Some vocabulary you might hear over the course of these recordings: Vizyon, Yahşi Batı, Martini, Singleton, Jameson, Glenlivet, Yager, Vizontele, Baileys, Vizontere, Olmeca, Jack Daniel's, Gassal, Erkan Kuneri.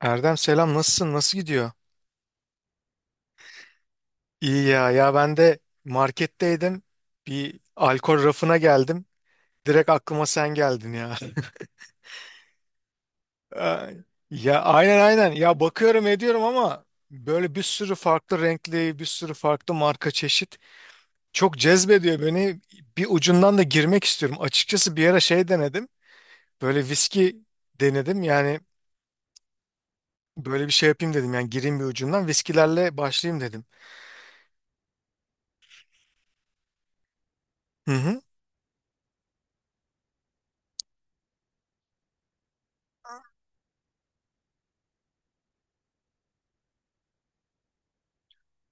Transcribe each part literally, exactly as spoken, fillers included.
Erdem selam, nasılsın, nasıl gidiyor? İyi ya, ya ben de marketteydim, bir alkol rafına geldim, direkt aklıma sen geldin ya. Ay, ya aynen aynen ya, bakıyorum ediyorum ama böyle bir sürü farklı renkli, bir sürü farklı marka çeşit çok cezbediyor beni, bir ucundan da girmek istiyorum. Açıkçası bir ara şey denedim, böyle viski denedim yani, böyle bir şey yapayım dedim, yani gireyim bir ucundan viskilerle başlayayım dedim. Hı hı.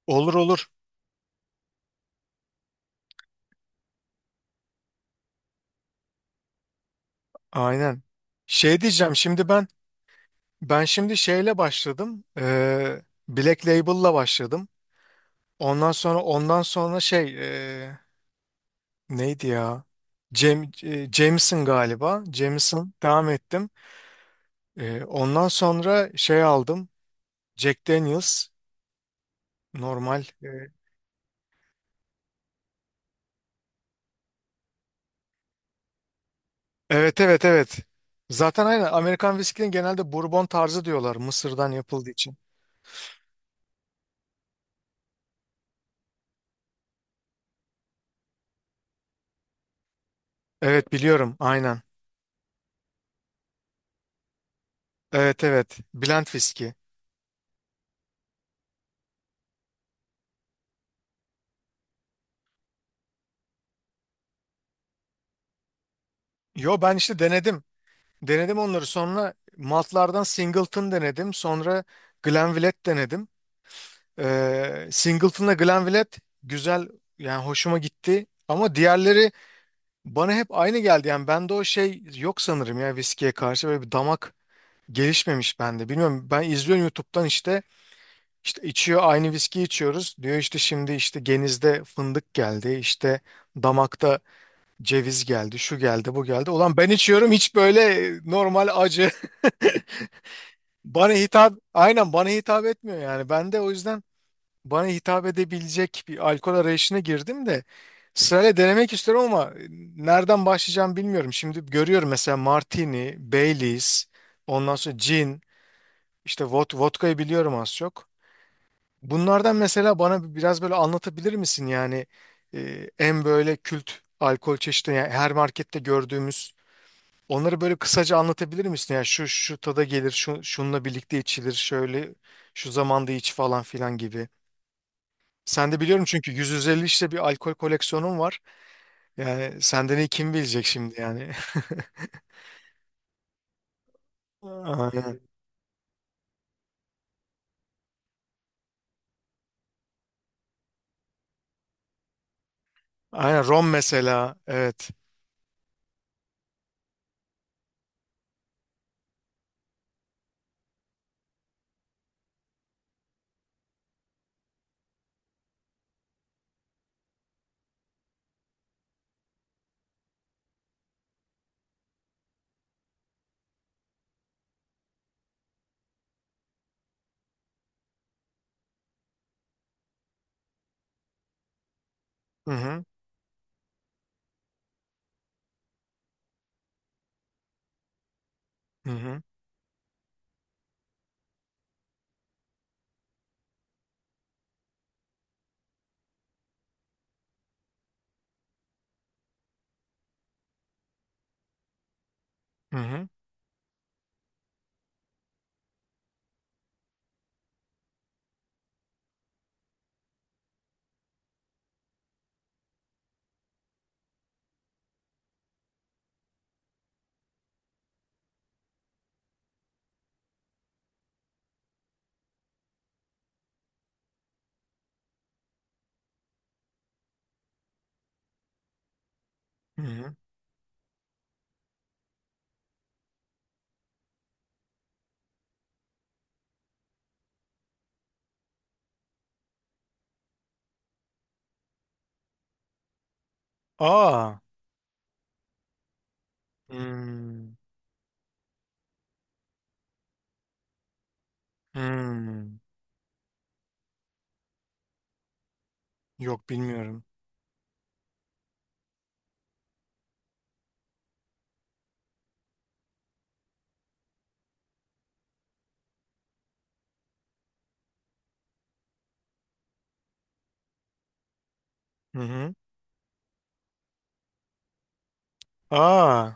Olur olur. Aynen. Şey diyeceğim şimdi ben, ben şimdi şeyle başladım. Eee Black Label'la başladım. Ondan sonra ondan sonra şey, eee, neydi ya? Cem, e, Jameson galiba. Jameson devam ettim. Eee, ondan sonra şey aldım. Jack Daniel's normal. Eee, Evet evet evet. Zaten aynen Amerikan viskinin genelde Bourbon tarzı diyorlar, Mısır'dan yapıldığı için. Evet biliyorum aynen. Evet evet. Blend viski. Yo, ben işte denedim. Denedim onları, sonra maltlardan Singleton denedim. Sonra Glenlivet denedim. Ee, Singleton'la Glenlivet güzel, yani hoşuma gitti. Ama diğerleri bana hep aynı geldi. Yani bende o şey yok sanırım ya, viskiye karşı böyle bir damak gelişmemiş bende. Bilmiyorum, ben izliyorum YouTube'dan, işte işte içiyor, aynı viski içiyoruz. Diyor işte şimdi işte genizde fındık geldi, işte damakta ceviz geldi, şu geldi bu geldi. Ulan ben içiyorum hiç, böyle normal acı. Bana hitap, aynen bana hitap etmiyor yani. Ben de o yüzden bana hitap edebilecek bir alkol arayışına girdim, de sırayla denemek istiyorum ama e, nereden başlayacağım bilmiyorum. Şimdi görüyorum mesela Martini, Baileys, ondan sonra gin, işte vod vodkayı biliyorum az çok. Bunlardan mesela bana biraz böyle anlatabilir misin yani, e, en böyle kült alkol çeşidi yani, her markette gördüğümüz onları böyle kısaca anlatabilir misin? Yani şu şu tada gelir, şu şununla birlikte içilir, şöyle şu zamanda iç falan filan gibi. Sen de biliyorum çünkü yüz elli işte bir alkol koleksiyonun var. Yani senden iyi kim bilecek şimdi yani. Aynen. Aynen rom mesela. Evet. Hı hı. Hı hı. Hı hı. Hı hı. Aa. Hmm. Hmm. Yok bilmiyorum. Hı hı. Aa.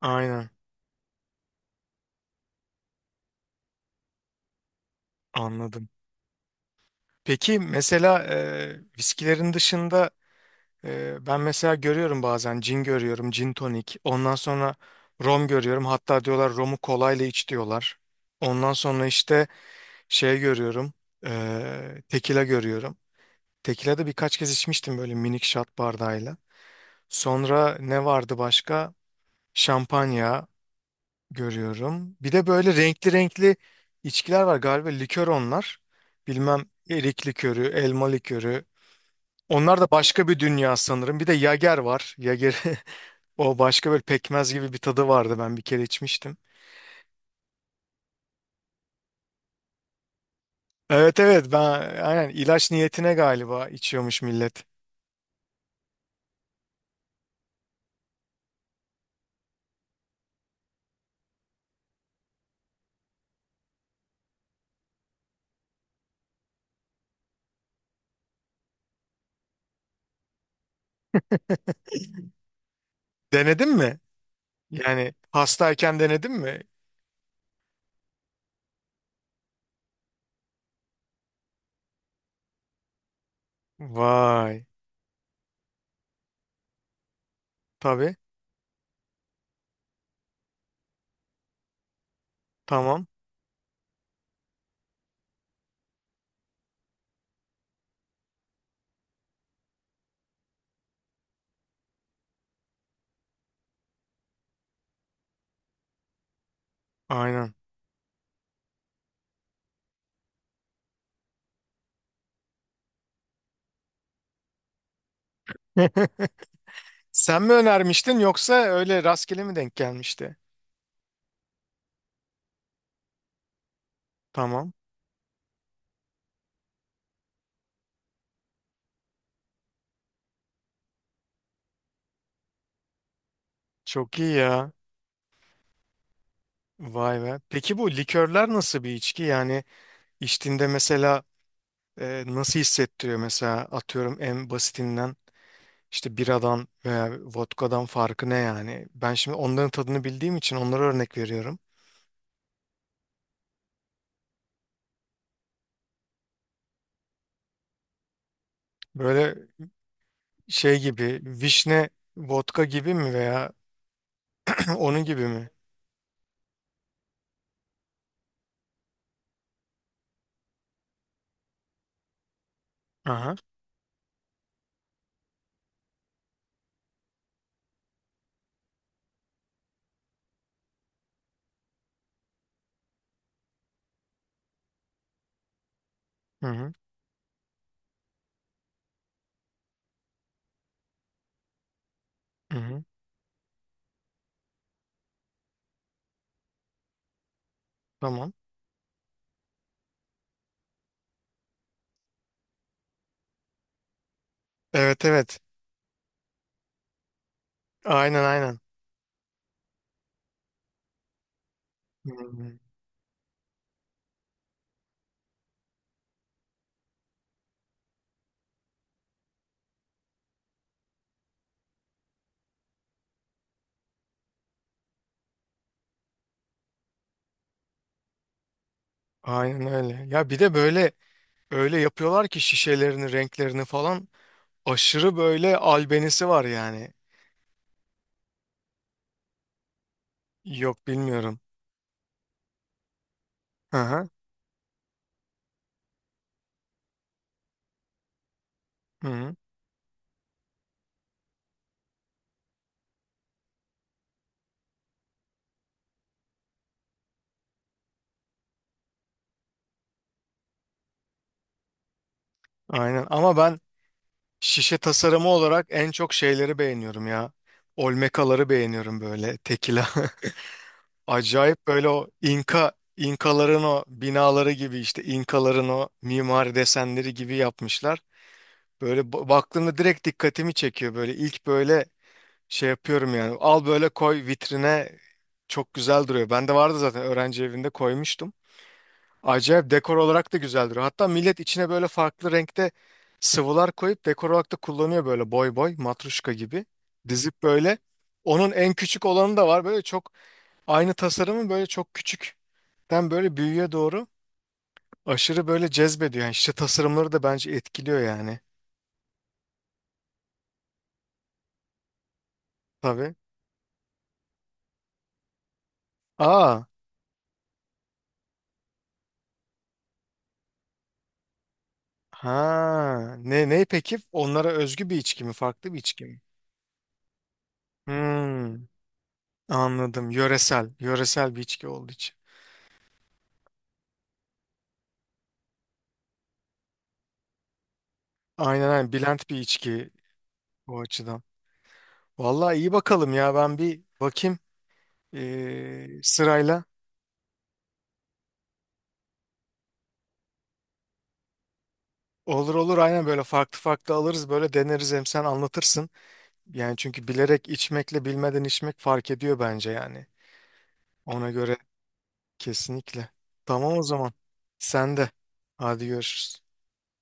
Aynen. Anladım. Peki mesela e, viskilerin dışında Ee, ben mesela görüyorum bazen cin görüyorum, cin tonik. Ondan sonra rom görüyorum. Hatta diyorlar romu kolayla iç diyorlar. Ondan sonra işte şey görüyorum, ee, tekila görüyorum. Tekila da birkaç kez içmiştim böyle minik şat bardağıyla. Sonra ne vardı başka? Şampanya görüyorum. Bir de böyle renkli renkli içkiler var galiba, likör onlar. Bilmem, erik likörü, elma likörü. Onlar da başka bir dünya sanırım. Bir de Yager var. Yager. O başka, böyle pekmez gibi bir tadı vardı, ben bir kere içmiştim. Evet evet, ben aynen ilaç niyetine galiba içiyormuş millet. Denedin mi? Yani hastayken denedin mi? Vay. Tabii. Tamam. Aynen. Sen mi önermiştin, yoksa öyle rastgele mi denk gelmişti? Tamam. Çok iyi ya. Vay be. Peki bu likörler nasıl bir içki? Yani içtiğinde mesela e, nasıl hissettiriyor mesela, atıyorum en basitinden. İşte biradan veya vodkadan farkı ne yani? Ben şimdi onların tadını bildiğim için onlara örnek veriyorum. Böyle şey gibi, vişne vodka gibi mi, veya onun gibi mi? Aha. Hı hı. Hı hı. Tamam. Evet evet. Aynen aynen. Hı hı. Aynen öyle. Ya bir de böyle öyle yapıyorlar ki şişelerini, renklerini falan, aşırı böyle albenisi var yani. Yok bilmiyorum. Aha. Hı hı. Aynen, ama ben şişe tasarımı olarak en çok şeyleri beğeniyorum ya. Olmekaları beğeniyorum, böyle tekila. Acayip, böyle o İnka, İnkaların o binaları gibi, işte İnkaların o mimari desenleri gibi yapmışlar. Böyle ba- baktığımda direkt dikkatimi çekiyor, böyle ilk böyle şey yapıyorum yani. Al böyle, koy vitrine, çok güzel duruyor. Bende vardı zaten, öğrenci evinde koymuştum. Acayip dekor olarak da güzeldir. Hatta millet içine böyle farklı renkte sıvılar koyup dekor olarak da kullanıyor, böyle boy boy matruşka gibi. Dizip böyle. Onun en küçük olanı da var. Böyle çok aynı tasarımın böyle çok küçükten böyle büyüğe doğru, aşırı böyle cezbediyor. Yani işte tasarımları da bence etkiliyor yani. Tabii. Aa. Ha. Ne ne peki? Onlara özgü bir içki mi? Farklı bir içki mi? Hmm, anladım. Yöresel. Yöresel bir içki olduğu için. Aynen aynen. Bilent bir içki o açıdan. Vallahi iyi bakalım ya, ben bir bakayım ee, sırayla. Olur olur, aynen böyle farklı farklı alırız, böyle deneriz, hem sen anlatırsın. Yani çünkü bilerek içmekle bilmeden içmek fark ediyor bence yani. Ona göre kesinlikle. Tamam o zaman. Sen de. Hadi görüşürüz.